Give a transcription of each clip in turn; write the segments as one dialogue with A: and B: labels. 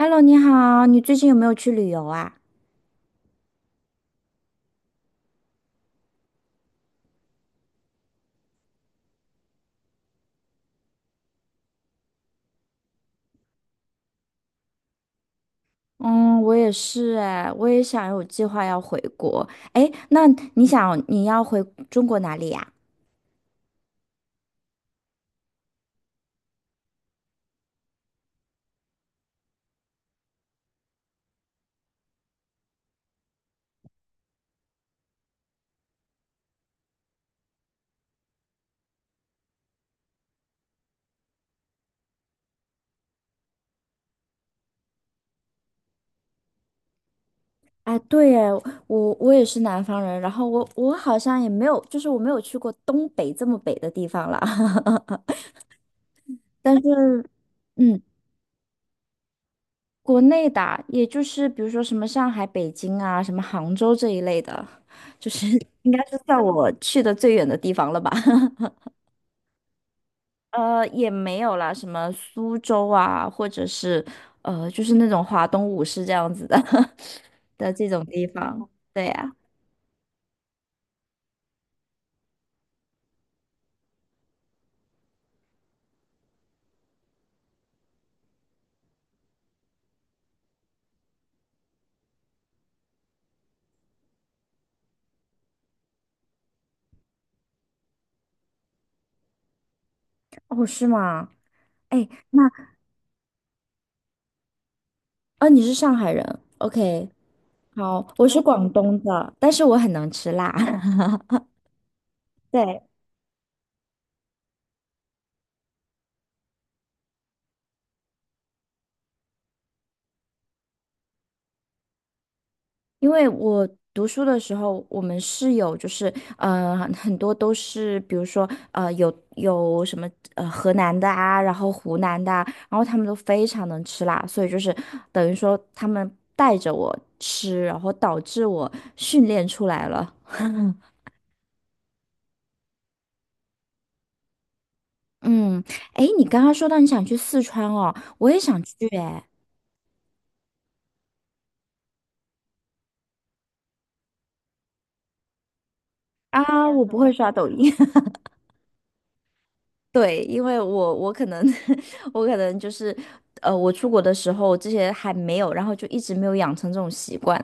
A: Hello，你好，你最近有没有去旅游啊？嗯，我也是哎，我也想有计划要回国。哎，那你要回中国哪里呀？哎，对哎，我也是南方人，然后我好像也没有，就是我没有去过东北这么北的地方了。但是嗯，国内的啊，也就是比如说什么上海、北京啊，什么杭州这一类的，就是应该是算我去的最远的地方了吧？也没有啦，什么苏州啊，或者是就是那种华东五市这样子的 的这种地方。对呀、哦，是吗？哎，那你是上海人，OK，好，我是广东的，但是我很能吃辣。对，因为我读书的时候，我们室友就是很多都是，比如说有什么河南的啊，然后湖南的啊，然后他们都非常能吃辣，所以就是等于说他们带着我吃，然后导致我训练出来了。嗯，哎，你刚刚说到你想去四川哦，我也想去哎。啊，我不会刷抖音。对，因为我可能 我可能就是我出国的时候这些还没有，然后就一直没有养成这种习惯。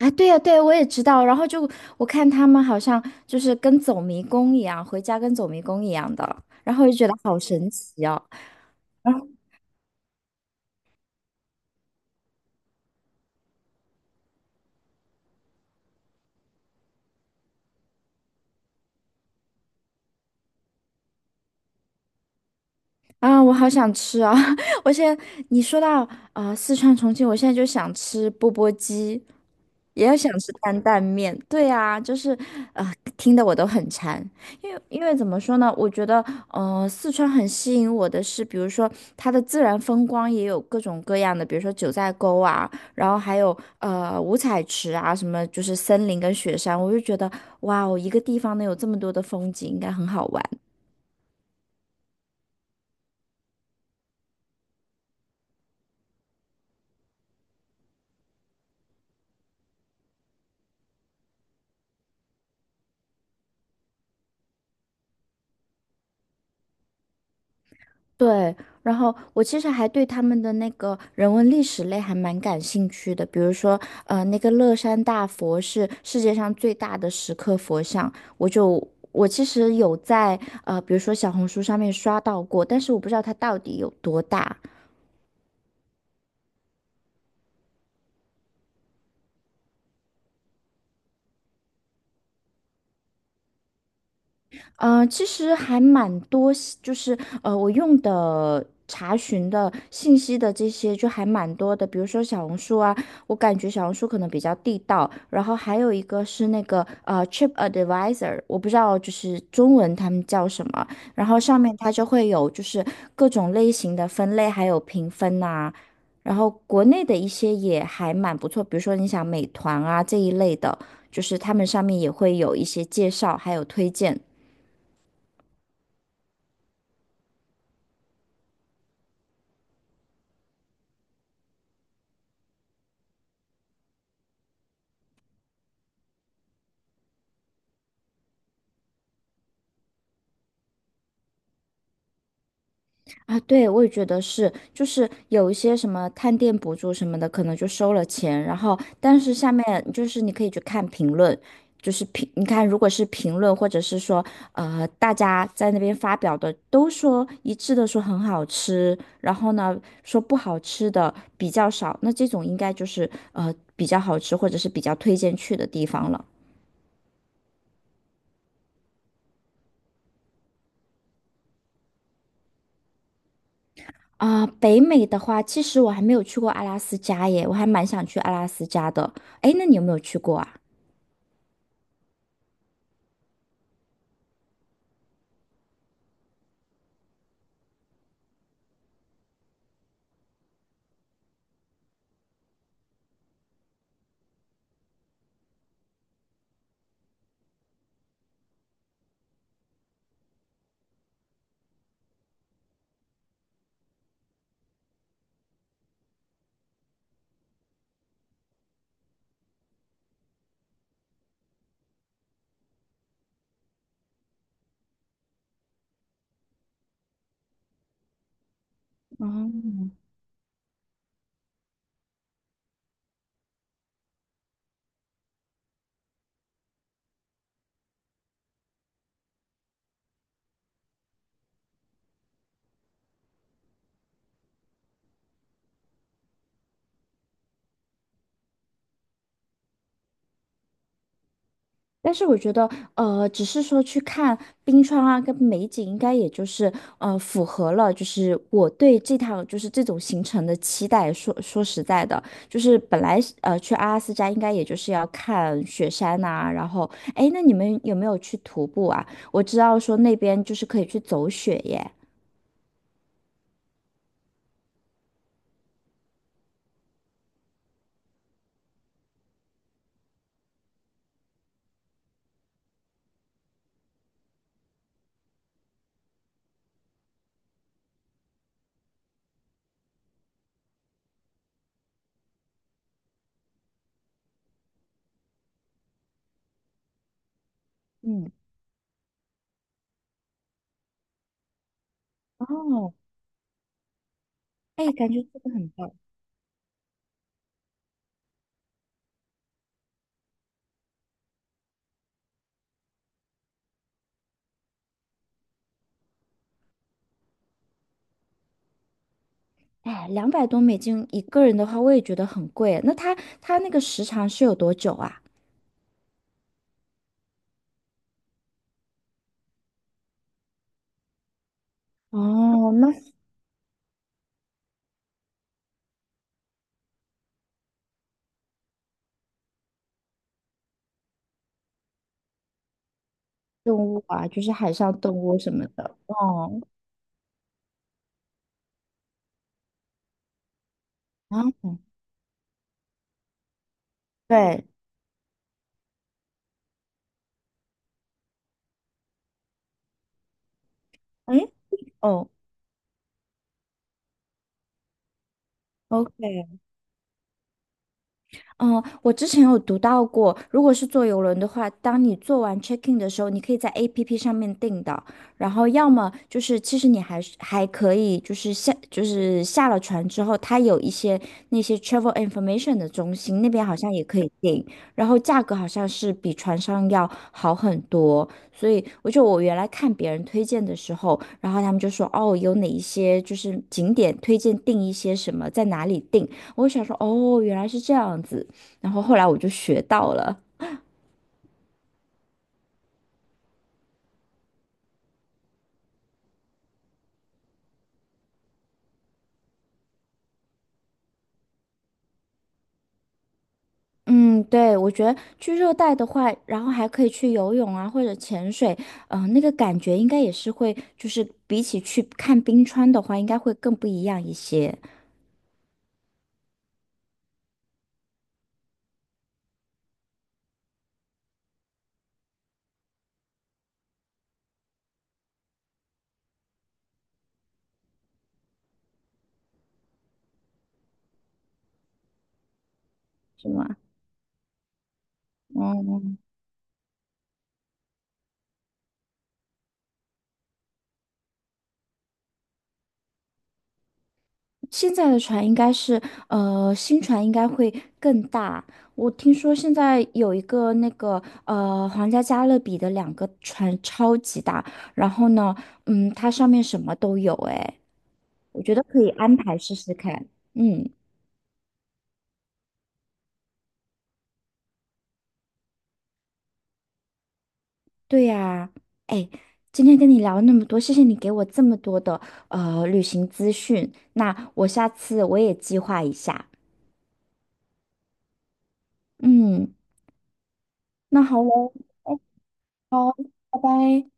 A: 啊，对呀，对呀我也知道。然后就我看他们好像就是跟走迷宫一样，回家跟走迷宫一样的，然后就觉得好神奇哦。啊，我好想吃啊！我现在你说到四川重庆，我现在就想吃钵钵鸡，也要想吃担担面。对啊，就是听得我都很馋。因为怎么说呢？我觉得四川很吸引我的是，比如说它的自然风光也有各种各样的，比如说九寨沟啊，然后还有五彩池啊，什么就是森林跟雪山，我就觉得哇哦，一个地方能有这么多的风景，应该很好玩。对，然后我其实还对他们的那个人文历史类还蛮感兴趣的，比如说，呃，那个乐山大佛是世界上最大的石刻佛像，我其实有在比如说小红书上面刷到过，但是我不知道它到底有多大。呃，其实还蛮多信就是呃，我用的查询的信息的这些就还蛮多的，比如说小红书啊，我感觉小红书可能比较地道，然后还有一个是那个TripAdvisor，我不知道就是中文他们叫什么，然后上面它就会有就是各种类型的分类，还有评分呐、然后国内的一些也还蛮不错，比如说你想美团啊这一类的，就是他们上面也会有一些介绍，还有推荐。啊，对，我也觉得是，就是有一些什么探店博主什么的，可能就收了钱，然后但是下面就是你可以去看评论，就是评，你看如果是评论或者是说大家在那边发表的，都说一致的说很好吃，然后呢说不好吃的比较少，那这种应该就是比较好吃或者是比较推荐去的地方了。啊、北美的话，其实我还没有去过阿拉斯加耶，我还蛮想去阿拉斯加的。哎，那你有没有去过啊？嗯，但是我觉得，呃，只是说去看冰川啊，跟美景，应该也就是符合了，就是我对这趟就是这种行程的期待。说说实在的，就是本来去阿拉斯加应该也就是要看雪山呐、然后哎，那你们有没有去徒步啊？我知道说那边就是可以去走雪耶。嗯，哦，哎，感觉这个很棒。哎，两百多美金一个人的话，我也觉得很贵。那他那个时长是有多久啊？哦，那动物啊，就是海上动物什么的。哦，啊，对，嗯，哦，OK，嗯，我之前有读到过，如果是坐邮轮的话，当你做完 check in 的时候，你可以在 APP 上面订的，然后要么就是其实你还是还可以就是下了船之后，它有一些那些 travel information 的中心，那边好像也可以订，然后价格好像是比船上要好很多，所以我原来看别人推荐的时候，然后他们就说哦，有哪一些就是景点推荐订一些什么，在哪里订，我就想说哦，原来是这样子。然后后来我就学到了。嗯，对，我觉得去热带的话，然后还可以去游泳啊，或者潜水，嗯，那个感觉应该也是会，就是比起去看冰川的话，应该会更不一样一些，是吗？嗯，现在的船应该是，新船应该会更大。我听说现在有一个那个，皇家加勒比的两个船超级大，然后呢，嗯，它上面什么都有，诶。我觉得可以安排试试看。嗯，对呀，哎，今天跟你聊了那么多，谢谢你给我这么多的旅行资讯。那我下次我也计划一下。嗯，那好喽，哎，拜拜。